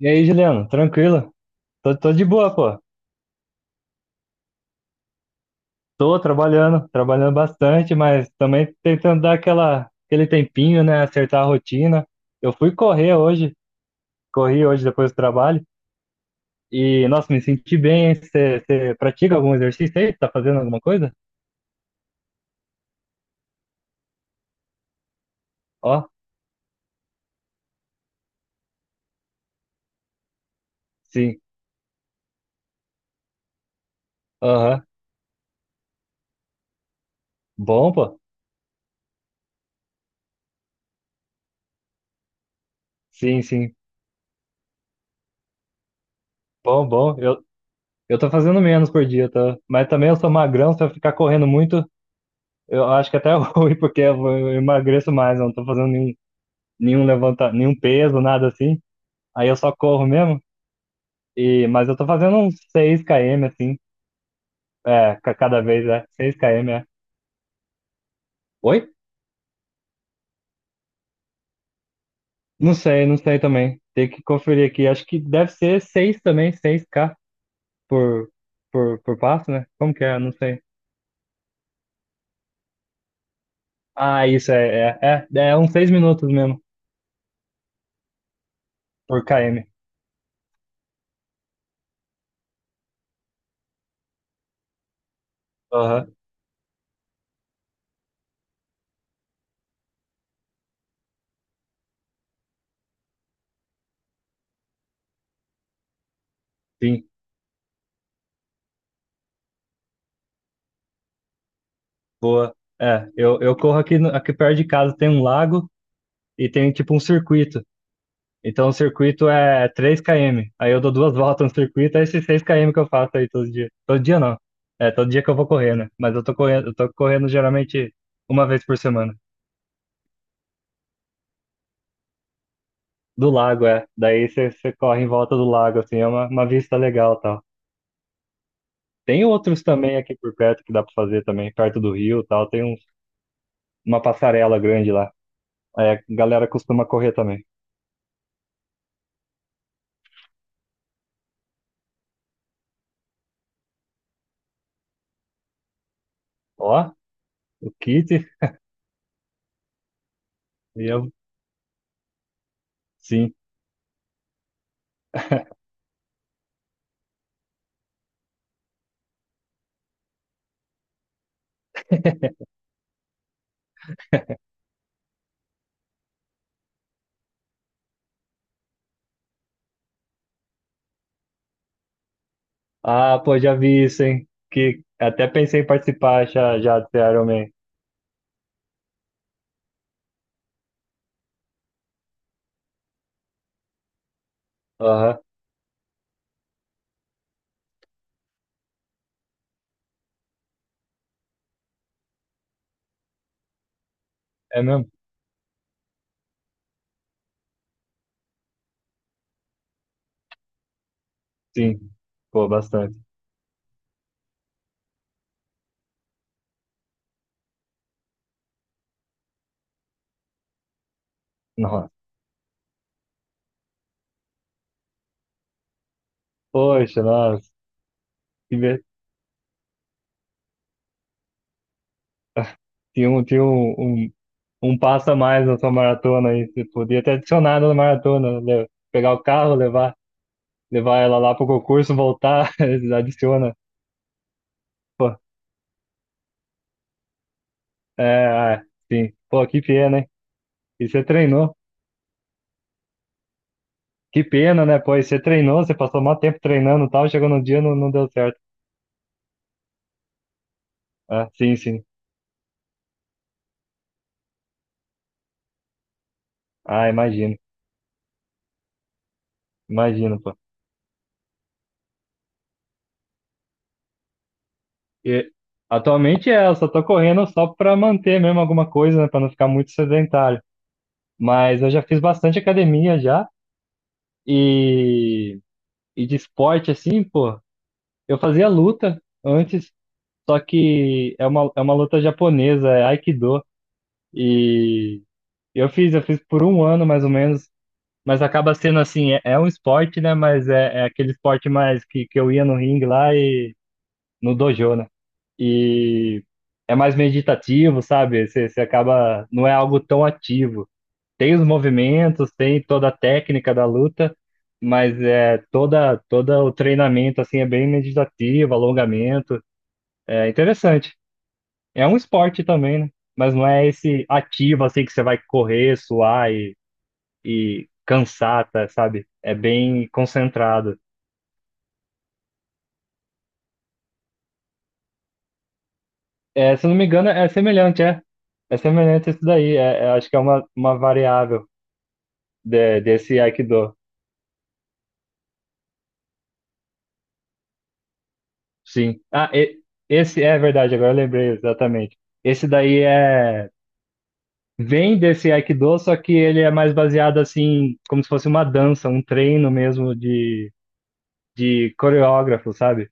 E aí, Juliano, tranquilo? Tô de boa, pô. Tô trabalhando, trabalhando bastante, mas também tentando dar aquele tempinho, né? Acertar a rotina. Eu fui correr hoje, corri hoje depois do trabalho. E, nossa, me senti bem. Você pratica algum exercício aí? Tá fazendo alguma coisa? Ó, sim. Aham. Bom, pô. Sim, sim. Bom, bom. Eu tô fazendo menos por dia, tá? Mas também eu sou magrão, se eu ficar correndo muito, eu acho que até é ruim, porque eu emagreço mais, eu não tô fazendo nenhum levanta, nenhum peso, nada assim. Aí eu só corro mesmo. E, mas eu tô fazendo uns 6 km assim, cada vez é 6 km, é. Oi? Não sei, não sei também. Tem que conferir aqui. Acho que deve ser seis também, 6 k por passo, né? Como que é? Não sei. Ah, isso é uns 6 minutos mesmo por km. Aham. Sim. Boa. É, eu corro aqui no- aqui perto de casa tem um lago e tem tipo um circuito. Então o circuito é 3 km. Aí eu dou duas voltas no circuito, é esses 6 km que eu faço aí todo dia. Todo dia não. É, todo dia que eu vou correr, né? Mas eu tô correndo geralmente uma vez por semana. Do lago, é. Daí você corre em volta do lago, assim, é uma vista legal e tal. Tem outros também aqui por perto que dá pra fazer também, perto do rio e tal. Tem uma passarela grande lá. Aí a galera costuma correr também. Ó, o kit e eu, sim. Ah, pô, já vi isso, hein? Que até pensei em participar já, já do Iron Man. Aham. É mesmo? Sim. Pô, bastante. Nossa. Poxa, nossa. Que ver- Tinha um, tinha um, um, um passo a mais na sua maratona aí. Você podia ter adicionado na maratona, né? Pegar o carro, levar ela lá pro concurso, voltar, adiciona. Pô, é, é, sim. Pô, que pena, hein? E você treinou. Que pena, né? Pô, e você treinou, você passou maior tempo treinando e tal, chegou no dia não, não deu certo. Ah, sim, sim. Ah, imagino, imagino, pô. E atualmente eu só tô correndo só pra manter mesmo alguma coisa, né, pra não ficar muito sedentário. Mas eu já fiz bastante academia já e, e de esporte assim, pô. Eu fazia luta antes, só que é uma luta japonesa, é Aikido. E eu fiz por um ano mais ou menos, mas acaba sendo assim, é um esporte, né, mas é aquele esporte mais que eu ia no ringue lá e no dojo, né? E é mais meditativo, sabe? Você acaba, não é algo tão ativo. Tem os movimentos, tem toda a técnica da luta, mas é toda o treinamento assim é bem meditativo, alongamento, é interessante. É um esporte também, né? Mas não é esse ativo assim que você vai correr, suar e cansar, tá, sabe? É bem concentrado. É, se eu não me engano, é semelhante, é. É semelhante a isso daí. Acho que é uma variável desse Aikido. Sim. Ah, esse é verdade, agora eu lembrei exatamente. Esse daí vem desse Aikido, só que ele é mais baseado assim, como se fosse uma dança, um treino mesmo de coreógrafo, sabe?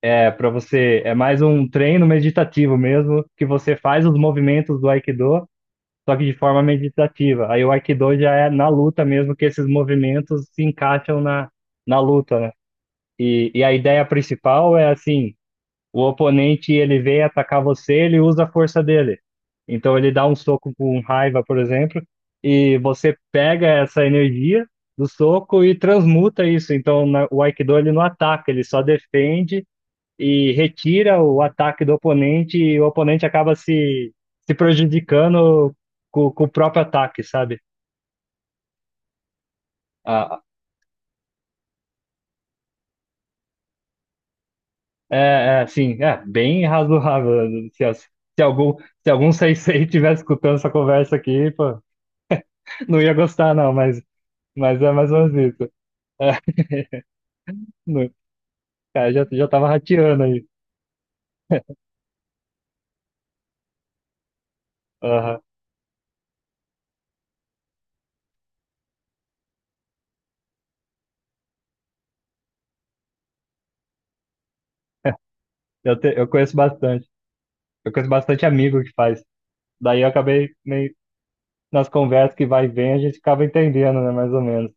É para você, é mais um treino meditativo mesmo, que você faz os movimentos do Aikido, só que de forma meditativa. Aí o Aikido já é na luta mesmo que esses movimentos se encaixam na luta, né? E a ideia principal é assim, o oponente ele vem atacar você, ele usa a força dele. Então ele dá um soco com raiva, por exemplo, e você pega essa energia do soco e transmuta isso. Então o Aikido ele não ataca, ele só defende e retira o ataque do oponente e o oponente acaba se prejudicando com o próprio ataque, sabe? Ah, é, é assim, é bem razoável. Se algum sensei estiver escutando essa conversa aqui, pô. Não ia gostar, não, mas é mais ou menos isso. É, não- cara, já, já tava rateando aí. Aham. Eu conheço bastante. Eu conheço bastante amigo que faz. Daí eu acabei meio nas conversas que vai e vem, a gente acaba entendendo, né? Mais ou menos.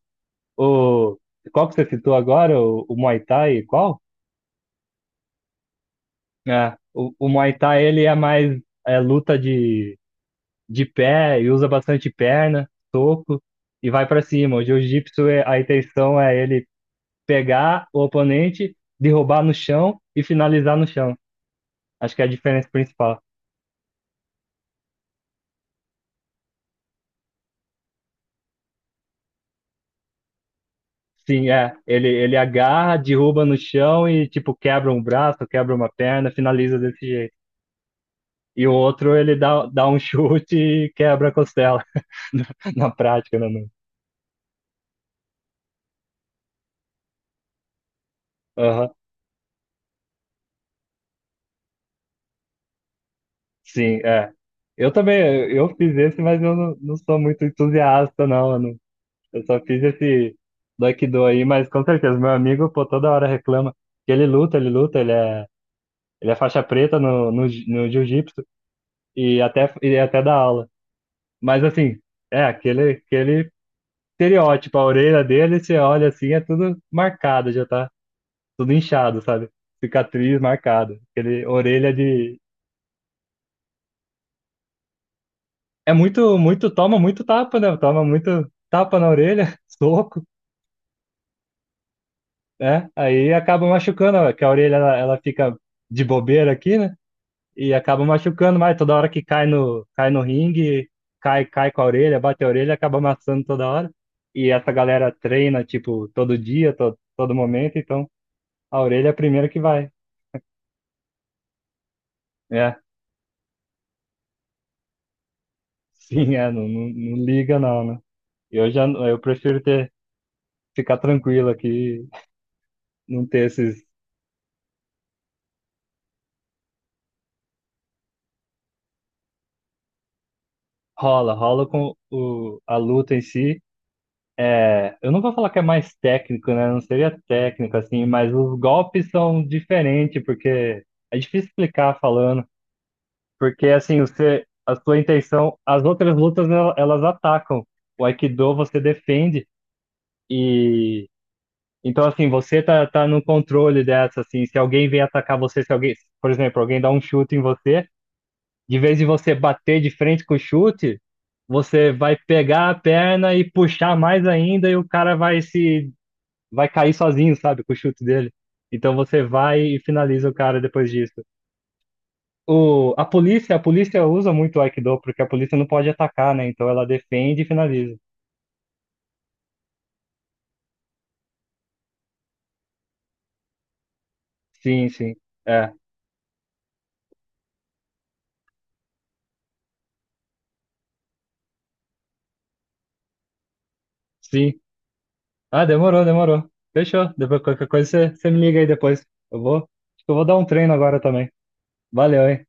O, Qual que você citou agora? O Muay Thai? Qual? É, o Muay Thai, ele é mais luta de pé e usa bastante perna, soco e vai pra cima. O Jiu-Jitsu, a intenção é ele pegar o oponente, derrubar no chão e finalizar no chão. Acho que é a diferença principal. Sim, é. Ele agarra, derruba no chão e, tipo, quebra um braço, quebra uma perna, finaliza desse jeito. E o outro, ele dá um chute e quebra a costela, na prática, né, mano? Aham. Sim, é. Eu também, eu fiz esse, mas eu não sou muito entusiasta, não, mano. Eu só fiz esse Aikido aí, mas com certeza, meu amigo, pô, toda hora reclama que ele luta, ele luta, ele é faixa preta no jiu-jitsu e até dá aula. Mas assim, é aquele estereótipo, a orelha dele, você olha assim, é tudo marcado, já tá tudo inchado, sabe? Cicatriz marcada. Aquele orelha de. É muito, muito, toma muito tapa, né? Toma muito tapa na orelha, soco, né? Aí acaba machucando, ó, que a orelha ela fica de bobeira aqui, né? E acaba machucando mais toda hora que cai no ringue, cai com a orelha, bate a orelha, acaba amassando toda hora. E essa galera treina, tipo, todo dia, todo momento, então a orelha é a primeira que vai. É, sim, é, não, não, não liga não, né? Eu prefiro ter, ficar tranquilo aqui, não ter esses... Rola, rola com a luta em si. É, eu não vou falar que é mais técnico, né? Não seria técnico, assim, mas os golpes são diferentes, porque é difícil explicar falando. Porque, assim, você, a sua intenção, as outras lutas, elas atacam. O Aikido você defende e... Então, assim, você tá no controle dessa, assim, se alguém vem atacar você, se alguém, por exemplo, alguém dá um chute em você, de vez de você bater de frente com o chute, você vai pegar a perna e puxar mais ainda e o cara vai se vai cair sozinho, sabe, com o chute dele. Então você vai e finaliza o cara depois disso. A polícia usa muito o Aikido, porque a polícia não pode atacar, né? Então ela defende e finaliza. Sim, sim. É, sim. Ah, demorou, demorou. Fechou. Depois qualquer coisa você me liga aí depois. Eu vou, acho que eu vou dar um treino agora também. Valeu, hein?